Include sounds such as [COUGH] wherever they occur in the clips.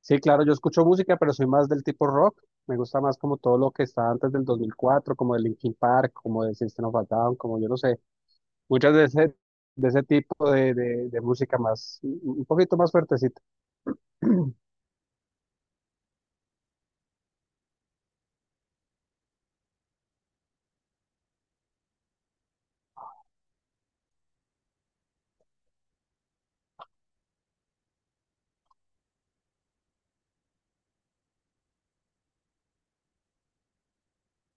Sí, claro, yo escucho música, pero soy más del tipo rock. Me gusta más como todo lo que está antes del 2004 como de Linkin Park, como de System of a Down, como yo no sé, muchas de ese tipo de música más, un poquito más fuertecita.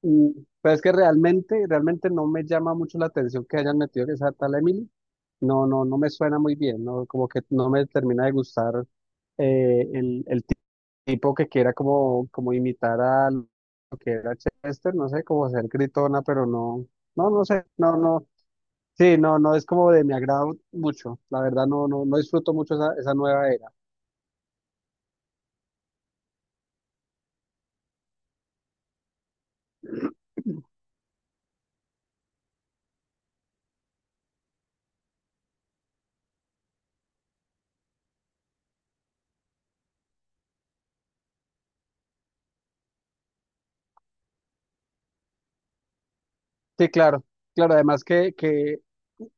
Y, pero es que realmente no me llama mucho la atención que hayan metido esa tal Emily. No, no, no me suena muy bien, no, como que no me termina de gustar el tipo que quiera como imitar a lo que era Chester, no sé, como ser gritona, pero no, no, no sé, no, no, sí, no, no es como de mi agrado mucho, la verdad no, no, no disfruto mucho esa nueva era. Sí, claro, claro, además que, que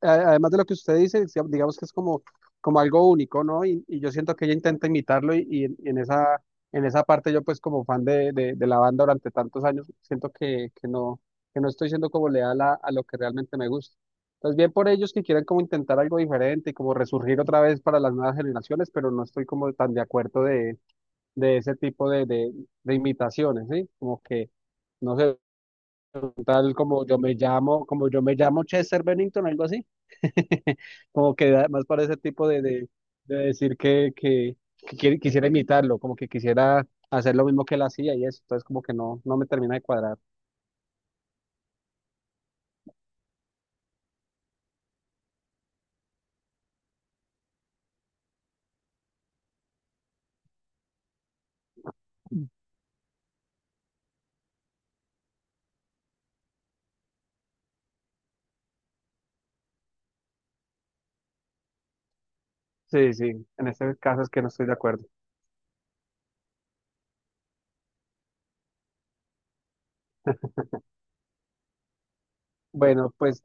a- además de lo que usted dice, digamos que es como algo único, ¿no? Y yo siento que ella intenta imitarlo y, y en esa parte yo pues como fan de la banda durante tantos años, siento que no estoy siendo como leal a lo que realmente me gusta. Entonces bien por ellos que quieran como intentar algo diferente y como resurgir otra vez para las nuevas generaciones, pero no estoy como tan de acuerdo de ese tipo de, de imitaciones, ¿sí? Como que, no sé, tal como yo me llamo, como yo me llamo Chester Bennington, algo así. [LAUGHS] Como que más para ese tipo de, de decir que quisiera imitarlo, como que quisiera hacer lo mismo que él hacía y eso. Entonces como que no, no me termina de cuadrar. Sí, sí, en este caso es que no estoy de acuerdo. Bueno, pues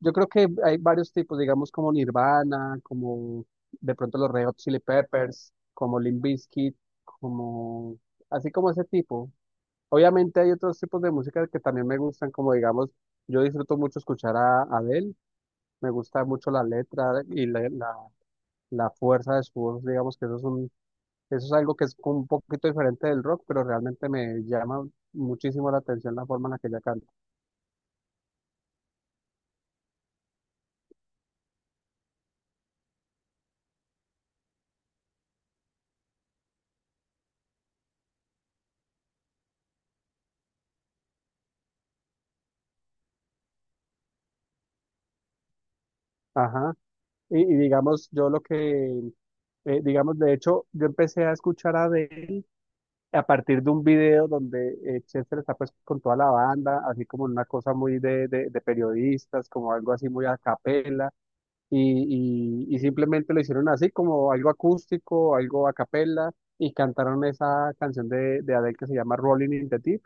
yo creo que hay varios tipos, digamos como Nirvana, como de pronto los Red Hot Chili Peppers, como Limp Bizkit, como así como ese tipo. Obviamente hay otros tipos de música que también me gustan, como digamos, yo disfruto mucho escuchar a Adele. Me gusta mucho la letra y la fuerza de su voz, digamos que eso es un, eso es algo que es un poquito diferente del rock, pero realmente me llama muchísimo la atención la forma en la que ella canta. Ajá. Y digamos, yo lo que, digamos, de hecho, yo empecé a escuchar a Adele a partir de un video donde Chester está pues con toda la banda, así como en una cosa muy de, de periodistas, como algo así muy a capela y, y simplemente lo hicieron así, como algo acústico, algo a capella, y cantaron esa canción de Adele que se llama Rolling in the Deep,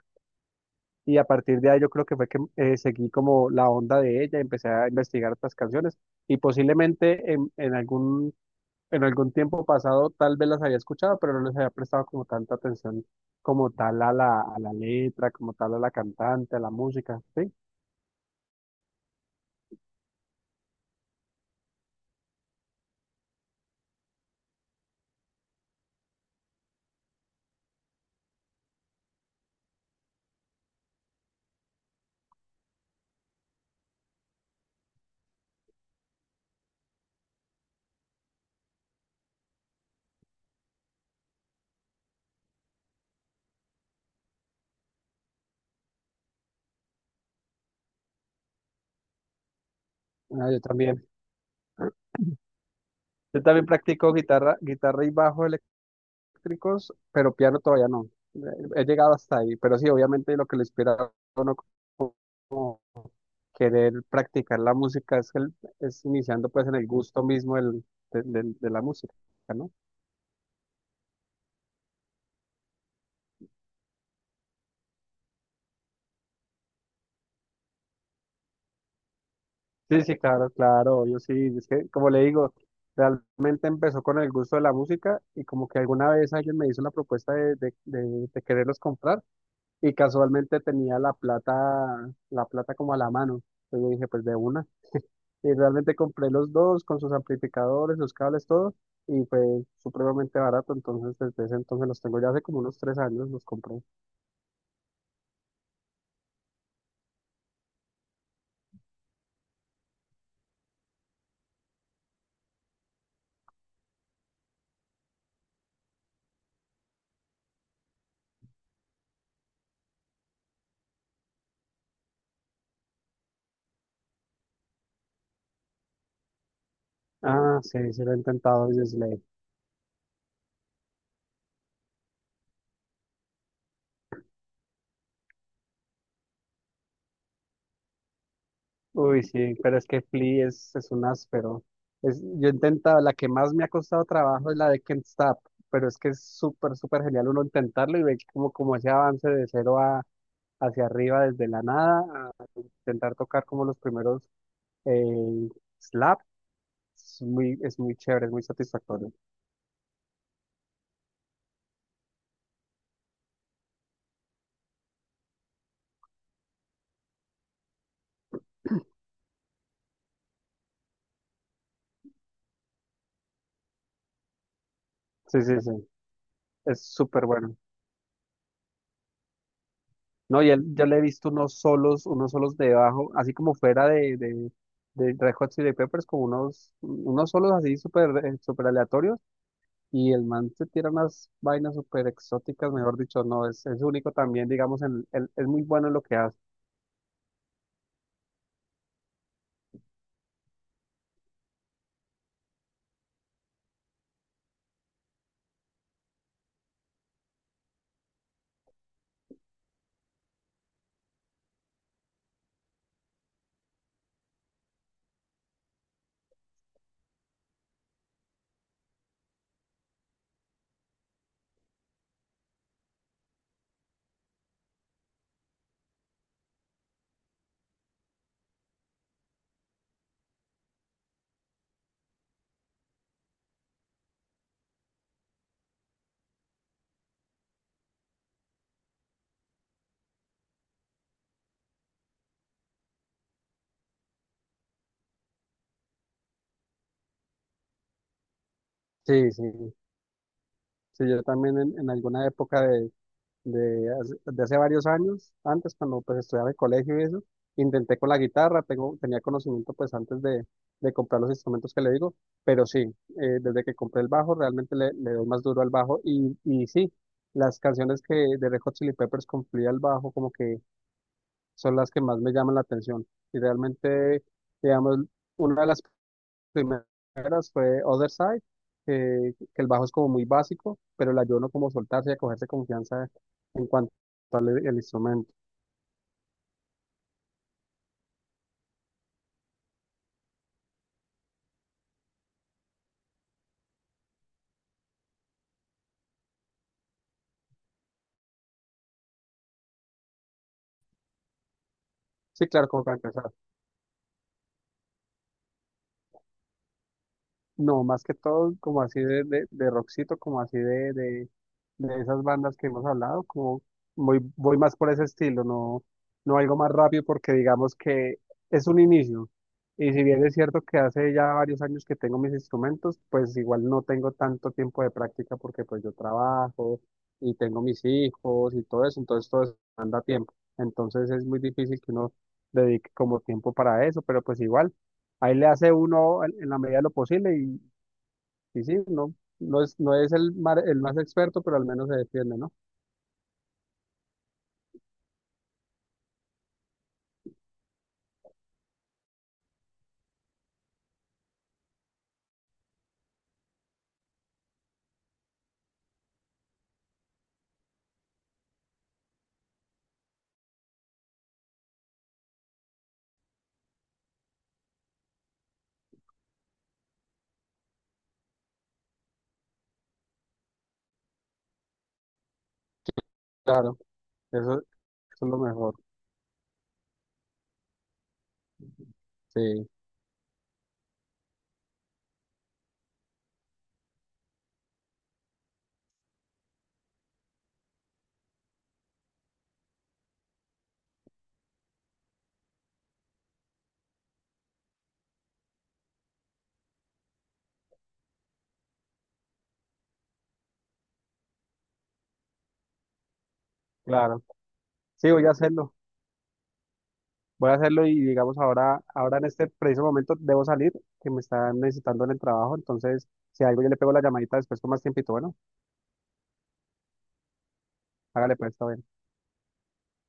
y a partir de ahí yo creo que fue que seguí como la onda de ella, empecé a investigar otras canciones, y posiblemente en algún tiempo pasado tal vez las había escuchado, pero no les había prestado como tanta atención como tal a la letra, como tal a la cantante, a la música, ¿sí? Ah, yo también. Yo también practico guitarra, guitarra y bajo eléctricos, pero piano todavía no. Eh, He llegado hasta ahí, pero sí, obviamente lo que le inspira a uno como querer practicar la música es iniciando pues en el gusto mismo de la música, ¿no? Sí, sí, claro, claro, yo sí, es que como le digo, realmente empezó con el gusto de la música y como que alguna vez alguien me hizo la propuesta de, de quererlos comprar. Y casualmente tenía la plata como a la mano. Entonces yo dije, pues de una. Y realmente compré los dos con sus amplificadores, los cables, todo. Y fue supremamente barato. Entonces desde ese entonces los tengo ya hace como unos 3 años los compré. Ah, sí, sí lo he intentado, Slay. Uy, sí, pero es que Flea es un áspero. Yo he intentado, la que más me ha costado trabajo es la de Can't Stop. Pero es que es súper, súper genial uno intentarlo y ver como, como ese avance de cero a hacia arriba desde la nada intentar tocar como los primeros eh, slaps, es muy chévere, es muy satisfactorio. Sí, sí, sí, es súper bueno. No, yo le he visto unos solos de bajo, así como fuera de, de Red Hot Chili Peppers, como unos solos así súper súper aleatorios, y el man se tira unas vainas súper exóticas, mejor dicho, no, es único también, digamos, es muy bueno en lo que hace. Sí, sí, sí, yo también en alguna época de de hace varios años, antes cuando pues estudiaba en el colegio y eso, intenté con la guitarra, tenía conocimiento pues antes de comprar los instrumentos que le digo, pero sí, desde que compré el bajo realmente le doy más duro al bajo y sí, las canciones que de Red Hot Chili Peppers cumplía el bajo como que son las que más me llaman la atención y realmente, digamos, una de las primeras fue Other Side, que el bajo es como muy básico, pero el ayuno como soltarse y a cogerse confianza en cuanto al el instrumento. Sí, claro, como para empezar. No, más que todo como así de rockcito, como así de esas bandas que hemos hablado, como voy más por ese estilo, no, no algo más rápido porque digamos que es un inicio. Y si bien es cierto que hace ya varios años que tengo mis instrumentos, pues igual no tengo tanto tiempo de práctica porque pues yo trabajo y tengo mis hijos y todo eso, entonces todo eso manda tiempo. Entonces es muy difícil que uno dedique como tiempo para eso, pero pues igual. Ahí le hace uno en la medida de lo posible y sí, no, no es el, el más experto, pero al menos se defiende, ¿no? Claro, eso es lo mejor. Sí, claro. Sí, voy a hacerlo. Voy a hacerlo y digamos ahora, ahora en este preciso momento debo salir, que me están necesitando en el trabajo. Entonces, si algo yo le pego la llamadita después con más tiempito, bueno, hágale pues, está bien.